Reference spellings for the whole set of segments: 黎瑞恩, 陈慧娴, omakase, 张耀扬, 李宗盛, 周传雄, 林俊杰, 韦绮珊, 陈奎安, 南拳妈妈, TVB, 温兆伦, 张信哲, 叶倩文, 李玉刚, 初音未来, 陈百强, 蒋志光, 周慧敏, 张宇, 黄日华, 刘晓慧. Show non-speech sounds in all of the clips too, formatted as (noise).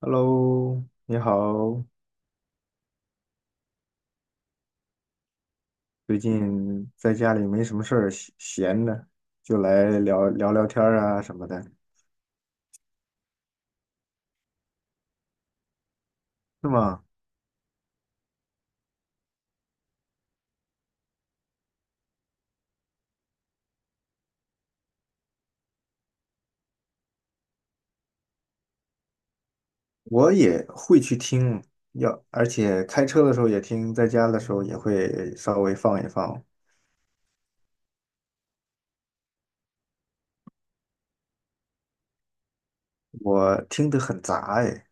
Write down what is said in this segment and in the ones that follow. Hello，你好，最近在家里没什么事儿，闲闲的就来聊天儿啊什么的，是吗？我也会去听，要，而且开车的时候也听，在家的时候也会稍微放一放。我听得很杂哎，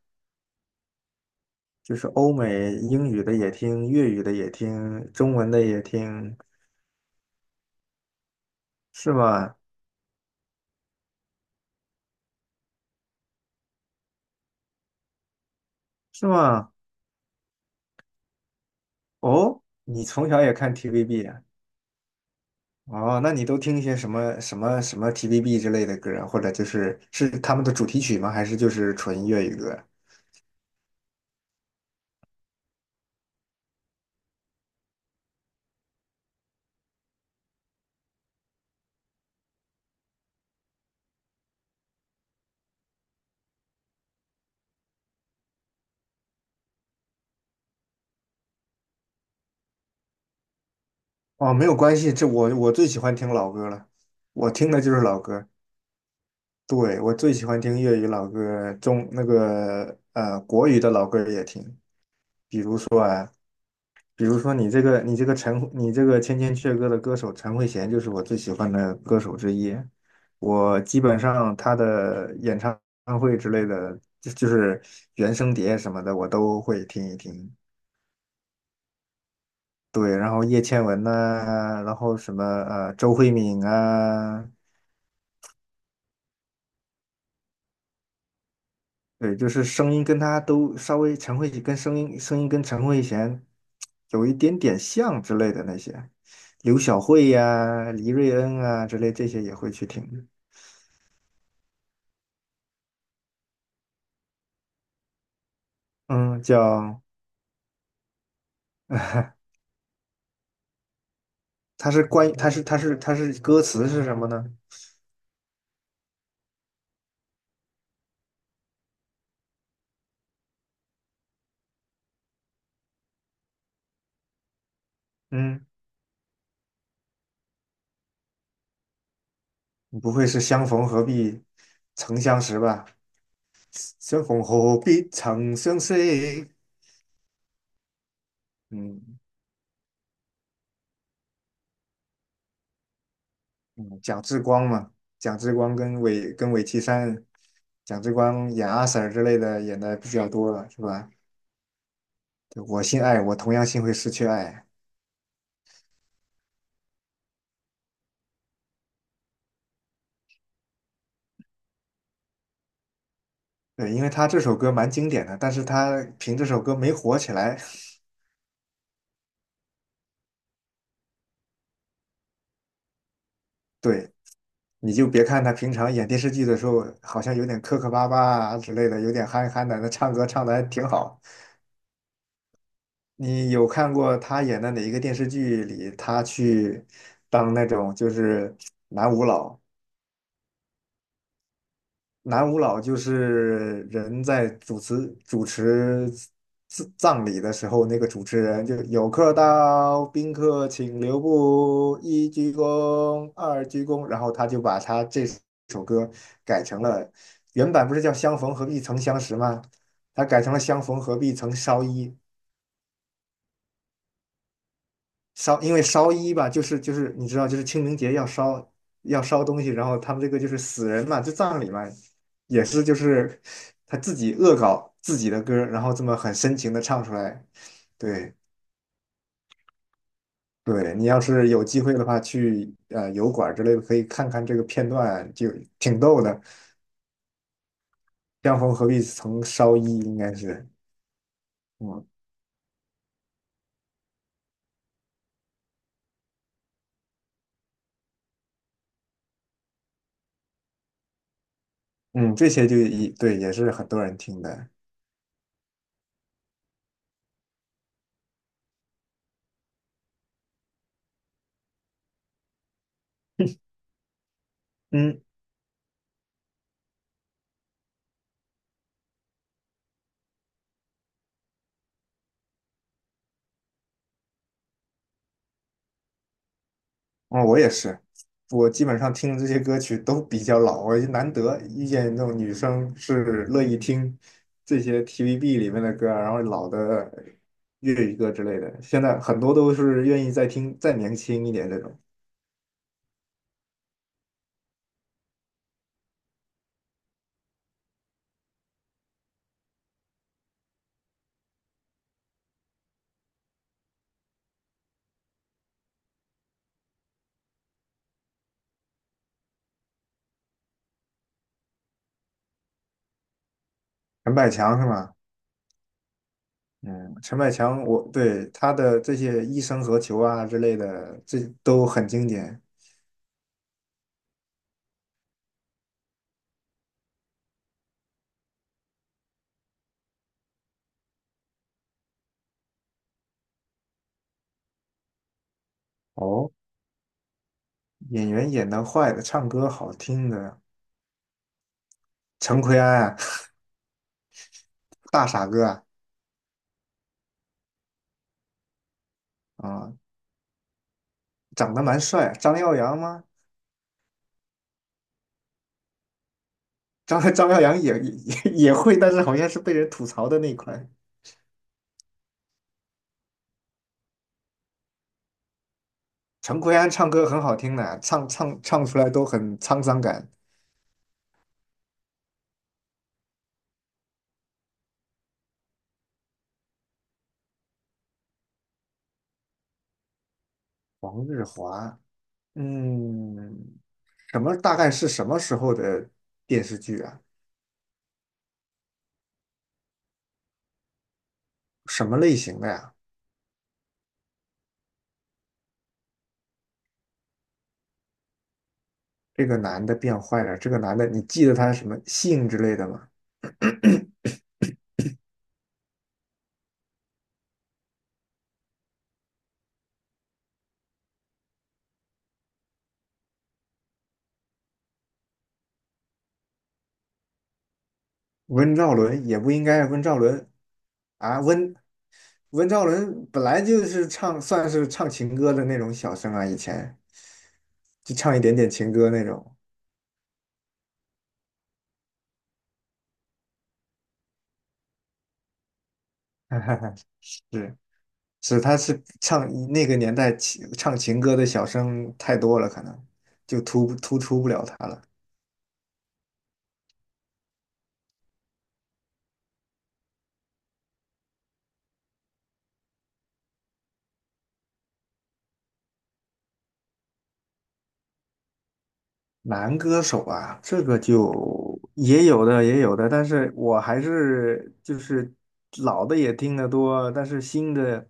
就是欧美英语的也听，粤语的也听，中文的也听，是吗？是吗？哦，你从小也看 TVB 啊？哦，那你都听一些什么 TVB 之类的歌啊，或者就是他们的主题曲吗？还是就是纯粤语歌？哦，没有关系，这我最喜欢听老歌了，我听的就是老歌。对，我最喜欢听粤语老歌，中那个国语的老歌也听。比如说你这个千千阙歌的歌手陈慧娴就是我最喜欢的歌手之一，我基本上她的演唱会之类的，就是原声碟什么的我都会听一听。对，然后叶倩文呐、然后周慧敏啊，对，就是声音跟她都稍微陈慧跟声音声音跟陈慧娴有一点点像之类的那些，刘晓慧呀、黎瑞恩啊之类这些也会去听。嗯，叫，(laughs) 它是关于，它是歌词是什么呢？嗯，不会是相逢何必曾相识吧？相逢何必曾相识？嗯嗯，蒋志光嘛，蒋志光跟韦绮珊，蒋志光演阿 Sir 之类的演的比较多了，是吧？对我心爱，我同样心会失去爱。对，因为他这首歌蛮经典的，但是他凭这首歌没火起来。(laughs) 对，你就别看他平常演电视剧的时候，好像有点磕磕巴巴啊之类的，有点憨憨的，那唱歌唱的还挺好。你有看过他演的哪一个电视剧里，他去当那种就是男舞佬，南无老就是人在主持葬葬礼的时候，那个主持人就有客到，宾客请留步，一鞠躬，二鞠躬，然后他就把他这首歌改成了，原版不是叫相逢何必曾相识吗？他改成了相逢何必曾烧衣。烧，因为烧衣吧，就是你知道，就是清明节要烧东西，然后他们这个就是死人嘛，就葬礼嘛，也是就是他自己恶搞自己的歌儿然后这么很深情的唱出来。对对，你要是有机会的话，去油管儿之类的可以看看这个片段，就挺逗的。江枫何必曾烧衣，应该是嗯嗯，这些就一对也是很多人听的。嗯。嗯，我也是，我基本上听的这些歌曲都比较老，我就难得遇见那种女生是乐意听这些 TVB 里面的歌啊然后老的粤语歌之类的。现在很多都是愿意再听再年轻一点这种。陈百强是吗？嗯，陈百强我，对他的这些《一生何求》啊之类的，这都很经典。哦，演员演的坏的，唱歌好听的，陈奎安啊，(laughs) 大傻哥啊，啊、长得蛮帅啊，张耀扬吗？张 (laughs) 张耀扬也会，但是好像是被人吐槽的那一块。陈奎安唱歌很好听的，唱出来都很沧桑感。黄日华，嗯，什么大概是什么时候的电视剧啊？什么类型的呀？这个男的变坏了，这个男的你记得他什么姓之类的吗？(coughs) (clears throat) 温兆伦也不应该，温兆伦啊，温温兆伦本来就是唱算是唱情歌的那种小生啊，以前。就唱一点点情歌那种。(laughs) 是是，他是唱那个年代唱情歌的小生太多了，可能就出不了他了。男歌手啊，这个就也有的，但是我还是就是老的也听得多，但是新的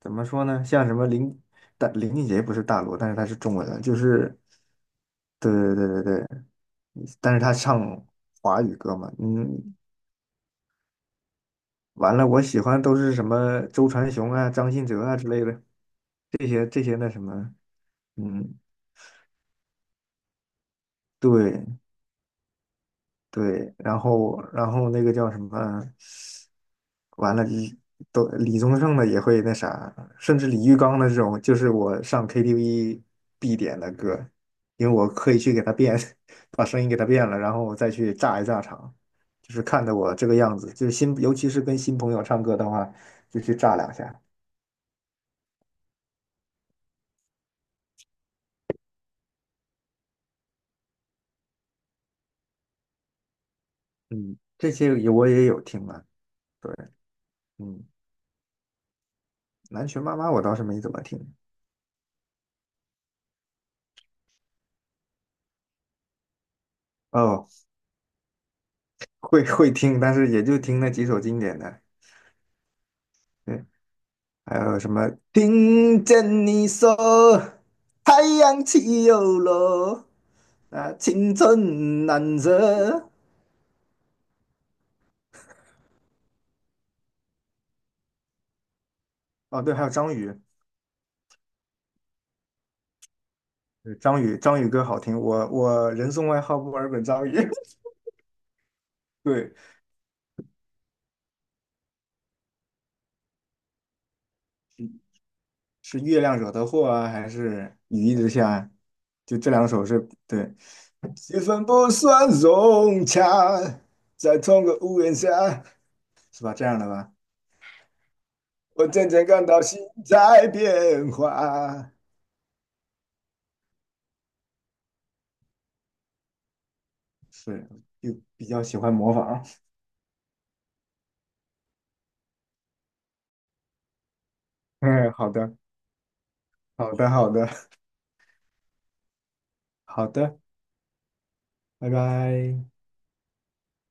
怎么说呢？像什么林大林俊杰不是大陆，但是他是中文的，就是对，但是他唱华语歌嘛，嗯，完了，我喜欢都是什么周传雄啊、张信哲啊之类的，这些这些那什么，嗯，对对，然后那个叫什么，完了，李宗盛的也会那啥，甚至李玉刚的这种，就是我上 KTV 必点的歌，因为我可以去给他变，(laughs) 把声音给他变了，然后我再去炸一炸场，就是看的我这个样子，就是新，尤其是跟新朋友唱歌的话，就去炸两下。嗯，这些也我也有听啊，对，嗯，南拳妈妈我倒是没怎么听，哦，会听，但是也就听那几首经典的，对，还有什么听见你说太阳起又落，啊，青春难舍，哦，对，还有张宇，对张宇歌好听，我人送外号墨尔本张宇，(laughs) 对，是月亮惹的祸啊，还是雨一直下，啊？就这两首是对。气氛不算融洽，在同个屋檐下，是吧？这样的吧？我渐渐感到心在变化，是，就比较喜欢模仿。(laughs) 嗯，好的，好的，好的，好的，拜拜。